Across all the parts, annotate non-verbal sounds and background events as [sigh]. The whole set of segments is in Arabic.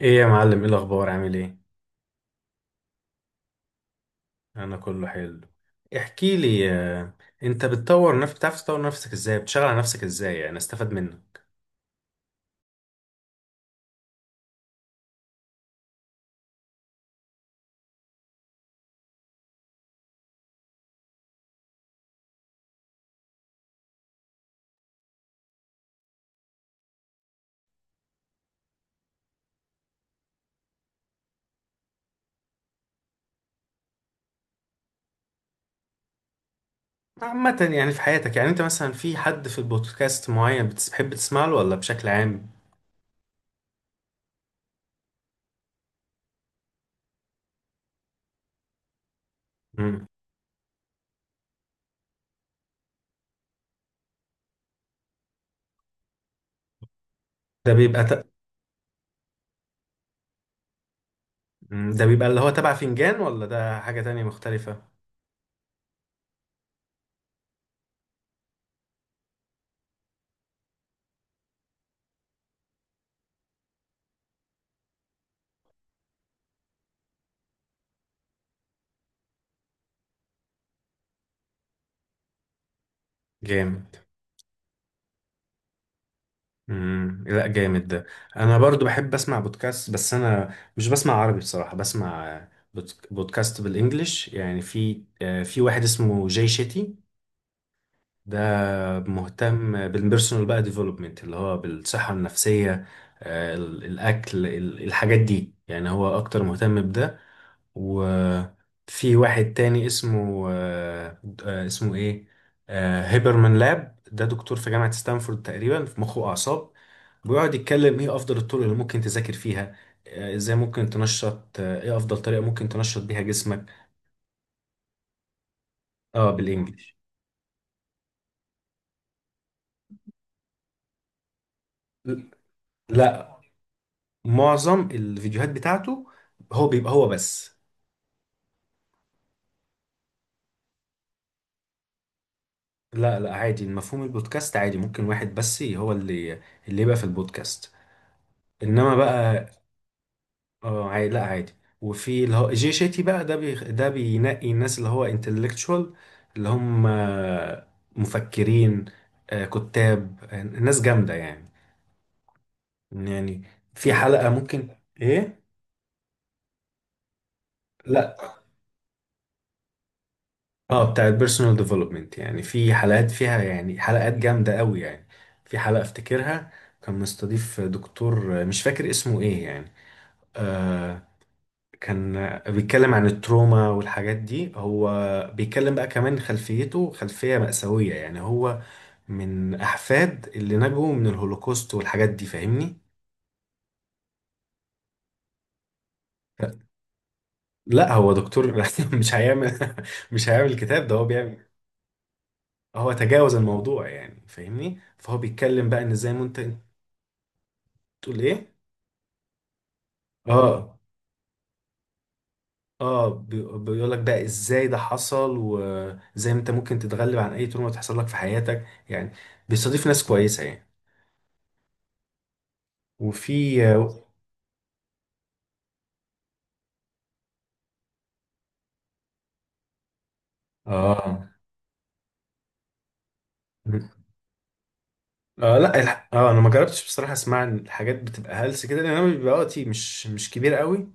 ايه يا معلم، ايه الاخبار؟ عامل ايه؟ انا كله حلو. احكي لي. انت بتطور نفسك؟ بتعرف تطور نفسك ازاي؟ بتشتغل على نفسك ازاي؟ يعني استفاد منك. عامة يعني في حياتك، يعني انت مثلا في حد في البودكاست معين بتحب تسمع له ولا بشكل عام؟ مم. ده بيبقى ده بيبقى اللي هو تبع فنجان، ولا ده حاجة تانية مختلفة؟ جامد. لا جامد ده. انا برضو بحب اسمع بودكاست، بس انا مش بسمع عربي بصراحة، بسمع بودكاست بالانجلش. يعني في، في واحد اسمه جاي شيتي. ده مهتم بالبيرسونال بقى ديفلوبمنت، اللي هو بالصحة النفسية. الاكل، الحاجات دي، يعني هو اكتر مهتم بده. وفي واحد تاني اسمه اسمه ايه، هيبرمان لاب. ده دكتور في جامعة ستانفورد تقريبا في مخ وأعصاب. بيقعد يتكلم ايه أفضل الطرق اللي ممكن تذاكر فيها، ازاي ممكن تنشط، ايه أفضل طريقة ممكن تنشط بيها جسمك. اه بالإنجليش. لا. معظم الفيديوهات بتاعته هو بيبقى هو بس. لا لا، عادي، مفهوم البودكاست عادي، ممكن واحد بس هو اللي اللي يبقى في البودكاست، انما بقى. اه عادي، لا عادي. وفي اللي هو جي شيتي بقى، ده بينقي الناس اللي هو انتلكتشوال، اللي هم، مفكرين، كتاب، ناس جامدة يعني. يعني في ده حلقة بتاع ممكن. ايه. لا. اه بتاع البيرسونال ديفلوبمنت، يعني في حلقات فيها، يعني حلقات جامدة قوي يعني. في حلقة افتكرها، كان مستضيف دكتور، مش فاكر اسمه ايه يعني، آه، كان بيتكلم عن التروما والحاجات دي. هو بيتكلم بقى كمان خلفيته خلفية مأساوية، يعني هو من أحفاد اللي نجوا من الهولوكوست والحاجات دي، فاهمني؟ لا هو دكتور [laughs] مش هيعمل مش هيعمل الكتاب ده، هو بيعمل. هو تجاوز الموضوع، يعني فاهمني؟ فهو بيتكلم بقى إن إزاي ما أنت تقول إيه؟ آه. اه بيقول لك بقى ازاي ده حصل، وازاي انت ممكن تتغلب عن اي تروما تحصل لك في حياتك يعني. بيستضيف ناس كويسة يعني. وفي. اه. آه لا الح... اه انا ما جربتش بصراحه، اسمع إن الحاجات بتبقى هلس كده، لان انا بيبقى وقتي مش كبير قوي.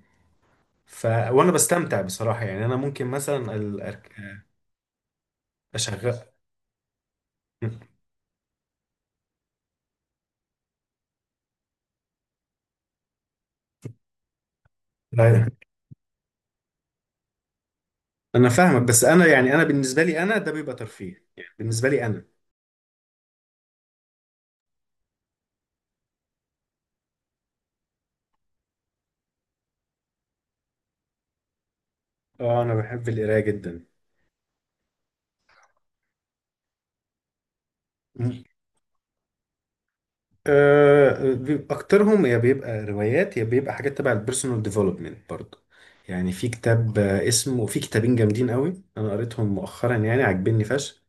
وانا بستمتع بصراحه يعني. انا ممكن مثلا اشغل. لا انا فاهمك، بس انا يعني، انا بالنسبه لي انا ده بيبقى ترفيه يعني، بالنسبه لي انا. اه انا بحب القرايه جدا. م- آه بيبقى اكترهم، يا بيبقى روايات، يا بيبقى حاجات تبع البيرسونال ديفلوبمنت برضه. يعني في كتاب، اسمه، في كتابين جامدين قوي انا قريتهم مؤخرا، يعني عاجبني فشخ.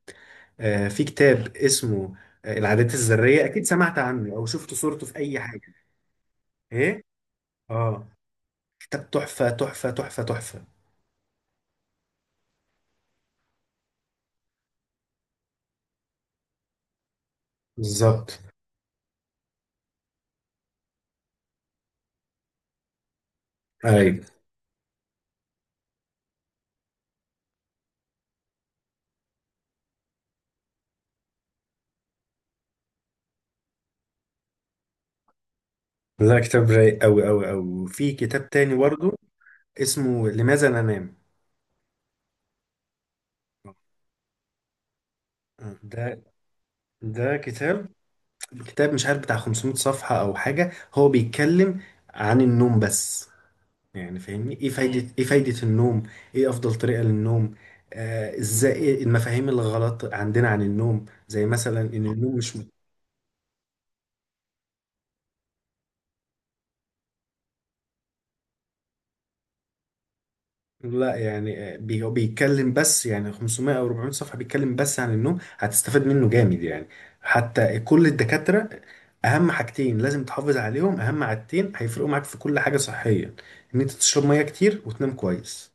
في كتاب اسمه، العادات الذرية، أكيد سمعت عنه أو شفت صورته في أي حاجة. إيه؟ آه. كتاب تحفة تحفة تحفة تحفة. بالظبط. أيوة. لا كتاب رايق أوي أوي أوي. وفي كتاب تاني برضه اسمه لماذا ننام. ده كتاب، مش عارف بتاع 500 صفحة أو حاجة. هو بيتكلم عن النوم بس، يعني فاهمني، ايه فايدة، ايه فايدة النوم، ايه افضل طريقة للنوم، آه ازاي، إيه المفاهيم الغلط عندنا عن النوم؟ زي مثلا ان النوم مش م- لا يعني، هو بيتكلم بس يعني 500 او 400 صفحة، بيتكلم بس عن النوم. هتستفاد منه جامد يعني. حتى كل الدكاترة، اهم حاجتين لازم تحافظ عليهم، اهم عادتين هيفرقوا معاك في كل حاجة صحيا، ان انت تشرب مية كتير وتنام كويس.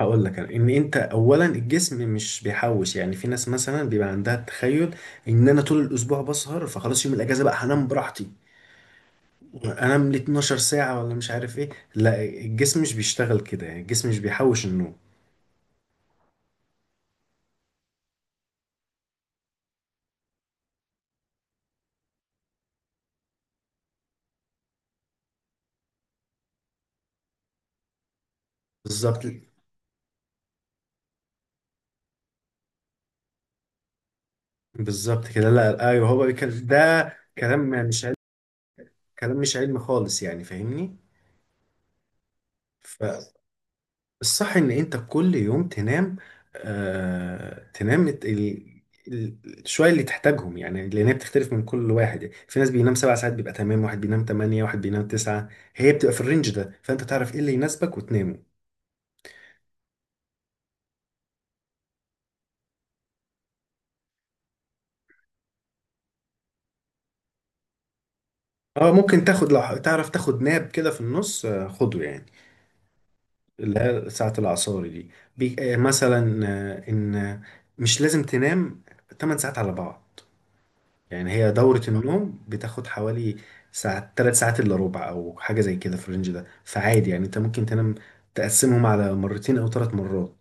هقول لك أنا، ان انت اولا الجسم مش بيحوش. يعني في ناس مثلا بيبقى عندها التخيل ان انا طول الاسبوع بسهر، فخلاص يوم الاجازه بقى هنام براحتي، انام ل 12 ساعه ولا مش عارف ايه. لا الجسم مش بيشتغل كده، يعني الجسم مش بيحوش النوم. بالظبط. بالظبط كده. لا ايوه، هو ده كلام مش علم، كلام مش علمي خالص، يعني فاهمني. ف الصح ان انت كل يوم تنام، آه تنام ال... الشوية اللي تحتاجهم، يعني لان هي بتختلف من كل واحد. يعني في ناس بينام سبع ساعات بيبقى تمام، واحد بينام تمانية، واحد بينام تسعة. هي بتبقى في الرينج ده، فانت تعرف ايه اللي يناسبك وتنامه. اه ممكن تاخد، لو تعرف تاخد ناب كده في النص، خده يعني، اللي هي ساعة العصاري دي. بي... آه مثلا آه ان آه، مش لازم تنام 8 ساعات على بعض. يعني هي دورة النوم بتاخد حوالي ساعة، تلات ساعات إلا ربع، أو حاجة زي كده في الرينج ده، فعادي يعني أنت ممكن تنام، تقسمهم على مرتين أو تلات مرات.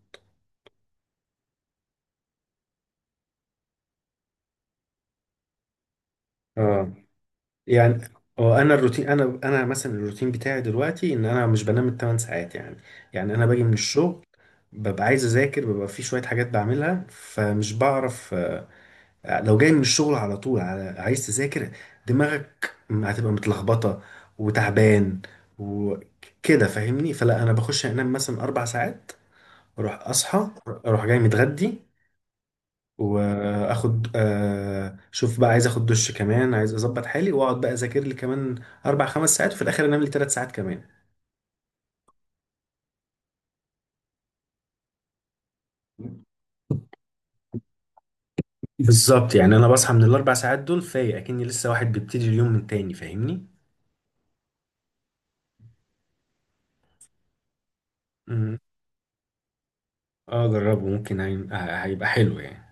اه. يعني اه، انا الروتين، انا مثلا الروتين بتاعي دلوقتي ان انا مش بنام الثمان ساعات يعني. يعني انا باجي من الشغل، ببقى عايز اذاكر، ببقى في شويه حاجات بعملها، فمش بعرف لو جاي من الشغل على طول على عايز تذاكر، دماغك هتبقى متلخبطة وتعبان وكده، فاهمني. فلا انا بخش انام مثلا اربع ساعات، اروح اصحى، اروح جاي متغدي، واخد آه، شوف بقى عايز اخد دش كمان، عايز اظبط حالي، واقعد بقى اذاكر لي كمان اربع خمس ساعات، وفي الاخر انام لي ثلاث ساعات كمان. بالظبط، يعني انا بصحى من الاربع ساعات دول فايق اكني لسه واحد بيبتدي اليوم من تاني، فاهمني. امم اه جربه، ممكن هيبقى حلو يعني.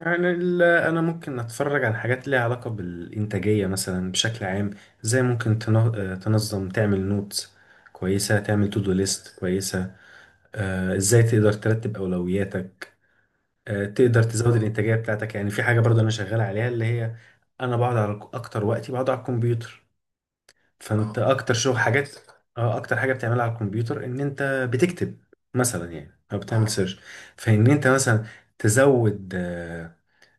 يعني انا ممكن اتفرج على حاجات ليها علاقه بالانتاجيه مثلا بشكل عام، زي ممكن تنظم، تعمل نوتس كويسه، تعمل تو دو ليست كويسه، ازاي تقدر ترتب اولوياتك، تقدر تزود الانتاجيه بتاعتك. يعني في حاجه برضه انا شغال عليها، اللي هي، انا بقعد على اكتر وقتي بقعد على الكمبيوتر. فانت اه اكتر شغل حاجات. اه اكتر حاجه بتعملها على الكمبيوتر ان انت بتكتب مثلا يعني، او بتعمل اه سيرش. فان انت مثلا تزود، آه،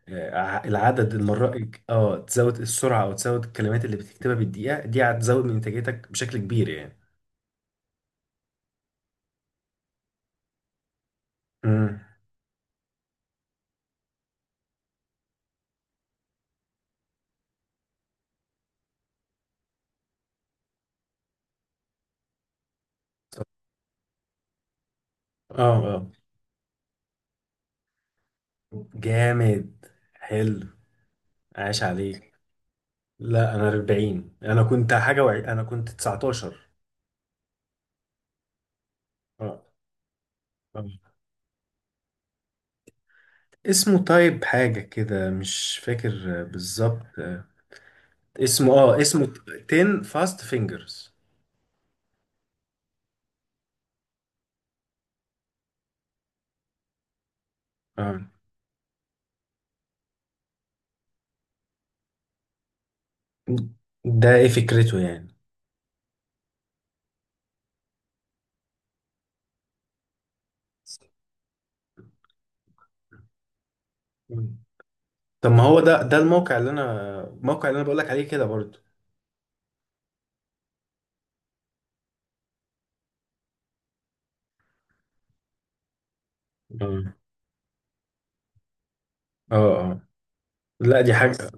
آه، العدد المرات، اه تزود السرعة، او تزود الكلمات اللي بتكتبها بالدقيقة، دي هتزود من انتاجيتك بشكل كبير يعني. امم اه. اه. جامد. حلو. عاش عليك. لا انا 40. انا كنت انا كنت 19. اه. آه. اسمه طيب حاجة كده مش فاكر بالظبط اسمه اسمه 10 فاست فينجرز. اه ده ايه فكرته؟ يعني، طب ما هو ده الموقع اللي انا بقول لك عليه كده برضو. اه اه اه. لا دي حاجة.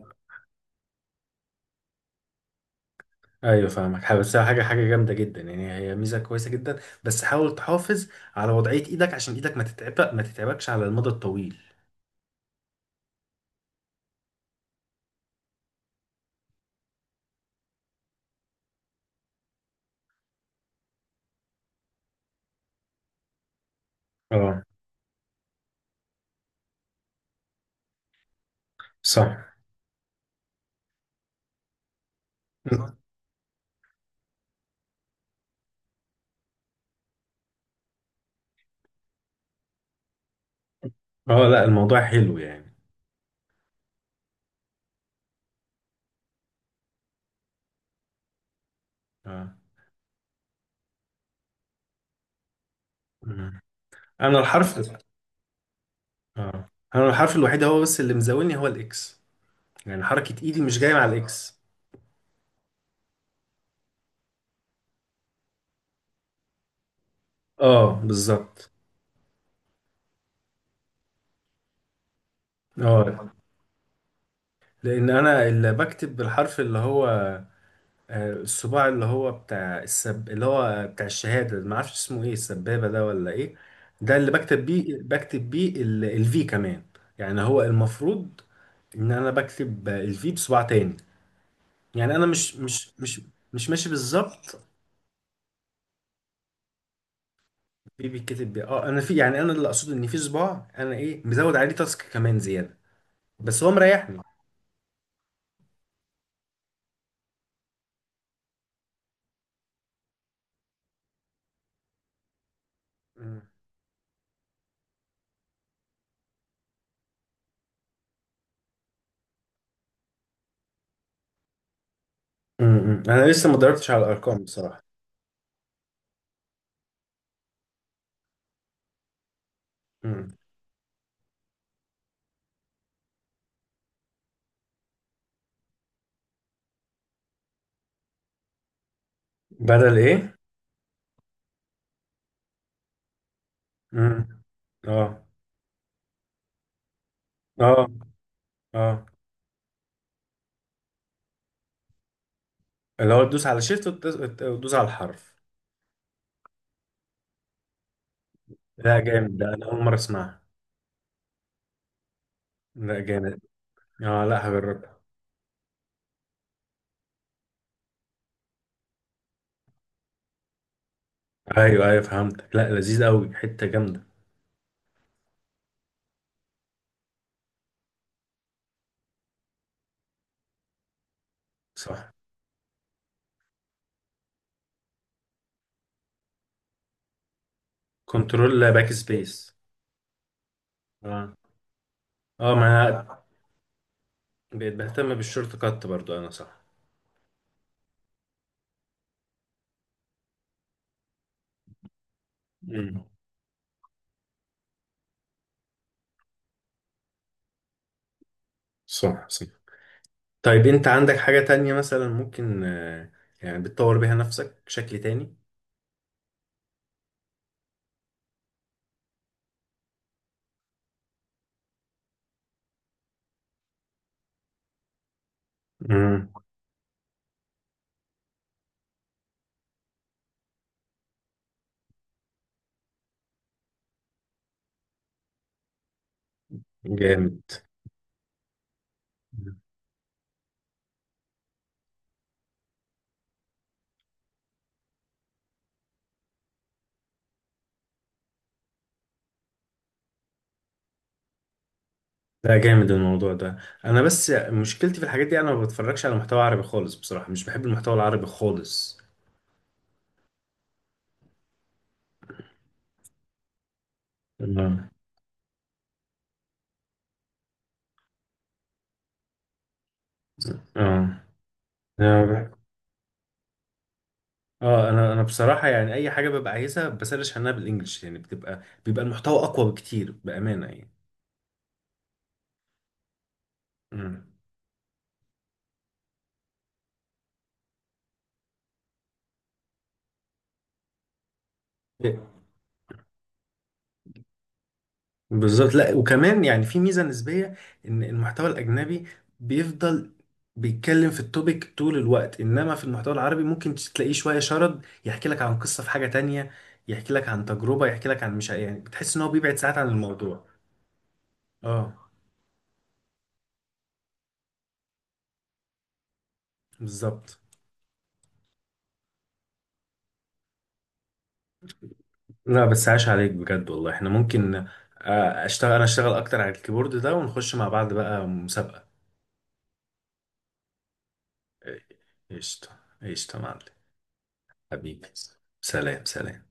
ايوه فاهمك بس هي حاجة جامدة جدا يعني، هي ميزة كويسة جدا. بس حاول تحافظ على وضعية ايدك، عشان ايدك ما تتعبكش على المدى الطويل. اه. صح. اه لا الموضوع حلو يعني. اه. مم. انا الحرف. اه. انا الحرف الوحيد هو بس اللي مزاولني هو الاكس. يعني حركة ايدي مش جاية مع الاكس. اه بالظبط. اه لان انا اللي بكتب بالحرف اللي هو، الصباع اللي هو بتاع السب، اللي هو بتاع الشهادة، ما اعرفش اسمه ايه، السبابة ده ولا ايه؟ ده اللي بكتب بيه، الفي كمان. يعني هو المفروض ان انا بكتب الفي بصباع تاني. يعني انا مش مش ماشي بالظبط. بيتكتب بيه. اه انا في، يعني انا اللي اقصده ان في صباع انا ايه مزود عليه تاسك كمان زيادة، بس هو مريحني. مم. انا لسه ما دورتش على الارقام بصراحة. مم. بدل ايه؟ مم. اه. اه. اه اللي هو تدوس على شيفت وتدوس على الحرف. لا جامد ده، انا اول مره اسمعها. لا جامد. اه لا هجربها. ايوه ايوه فهمتك، لا لذيذ قوي، حته جامده. صح. كنترول باك سبيس. اه. اه ما انا بقيت بهتم بالشورت كات برضو انا، صح. مم. صح صح. طيب انت عندك حاجه تانية مثلا ممكن يعني بتطور بيها نفسك بشكل تاني؟ امم جامد. ده جامد الموضوع ده. انا بس مشكلتي في الحاجات دي، انا ما بتفرجش على محتوى عربي خالص بصراحة، مش بحب المحتوى العربي خالص. اه. اه. اه. انا بصراحة يعني، اي حاجة ببقى عايزها بسرش عنها بالانجلش، يعني بيبقى المحتوى اقوى بكتير بأمانة يعني. مم. بالظبط. لا وكمان يعني في ميزه نسبيه، ان المحتوى الاجنبي بيفضل بيتكلم في التوبيك طول الوقت، انما في المحتوى العربي ممكن تلاقيه شويه شرد، يحكي لك عن قصه في حاجه تانية، يحكي لك عن تجربه، يحكي لك عن مش يعني، بتحس ان هو بيبعد ساعات عن الموضوع. اه بالظبط. لا بس عاش عليك بجد والله، احنا ممكن آه، اشتغل انا اشتغل اكتر على الكيبورد ده ونخش مع بعض بقى مسابقه. قشطه قشطه يا معلم. حبيبي سلام. سلام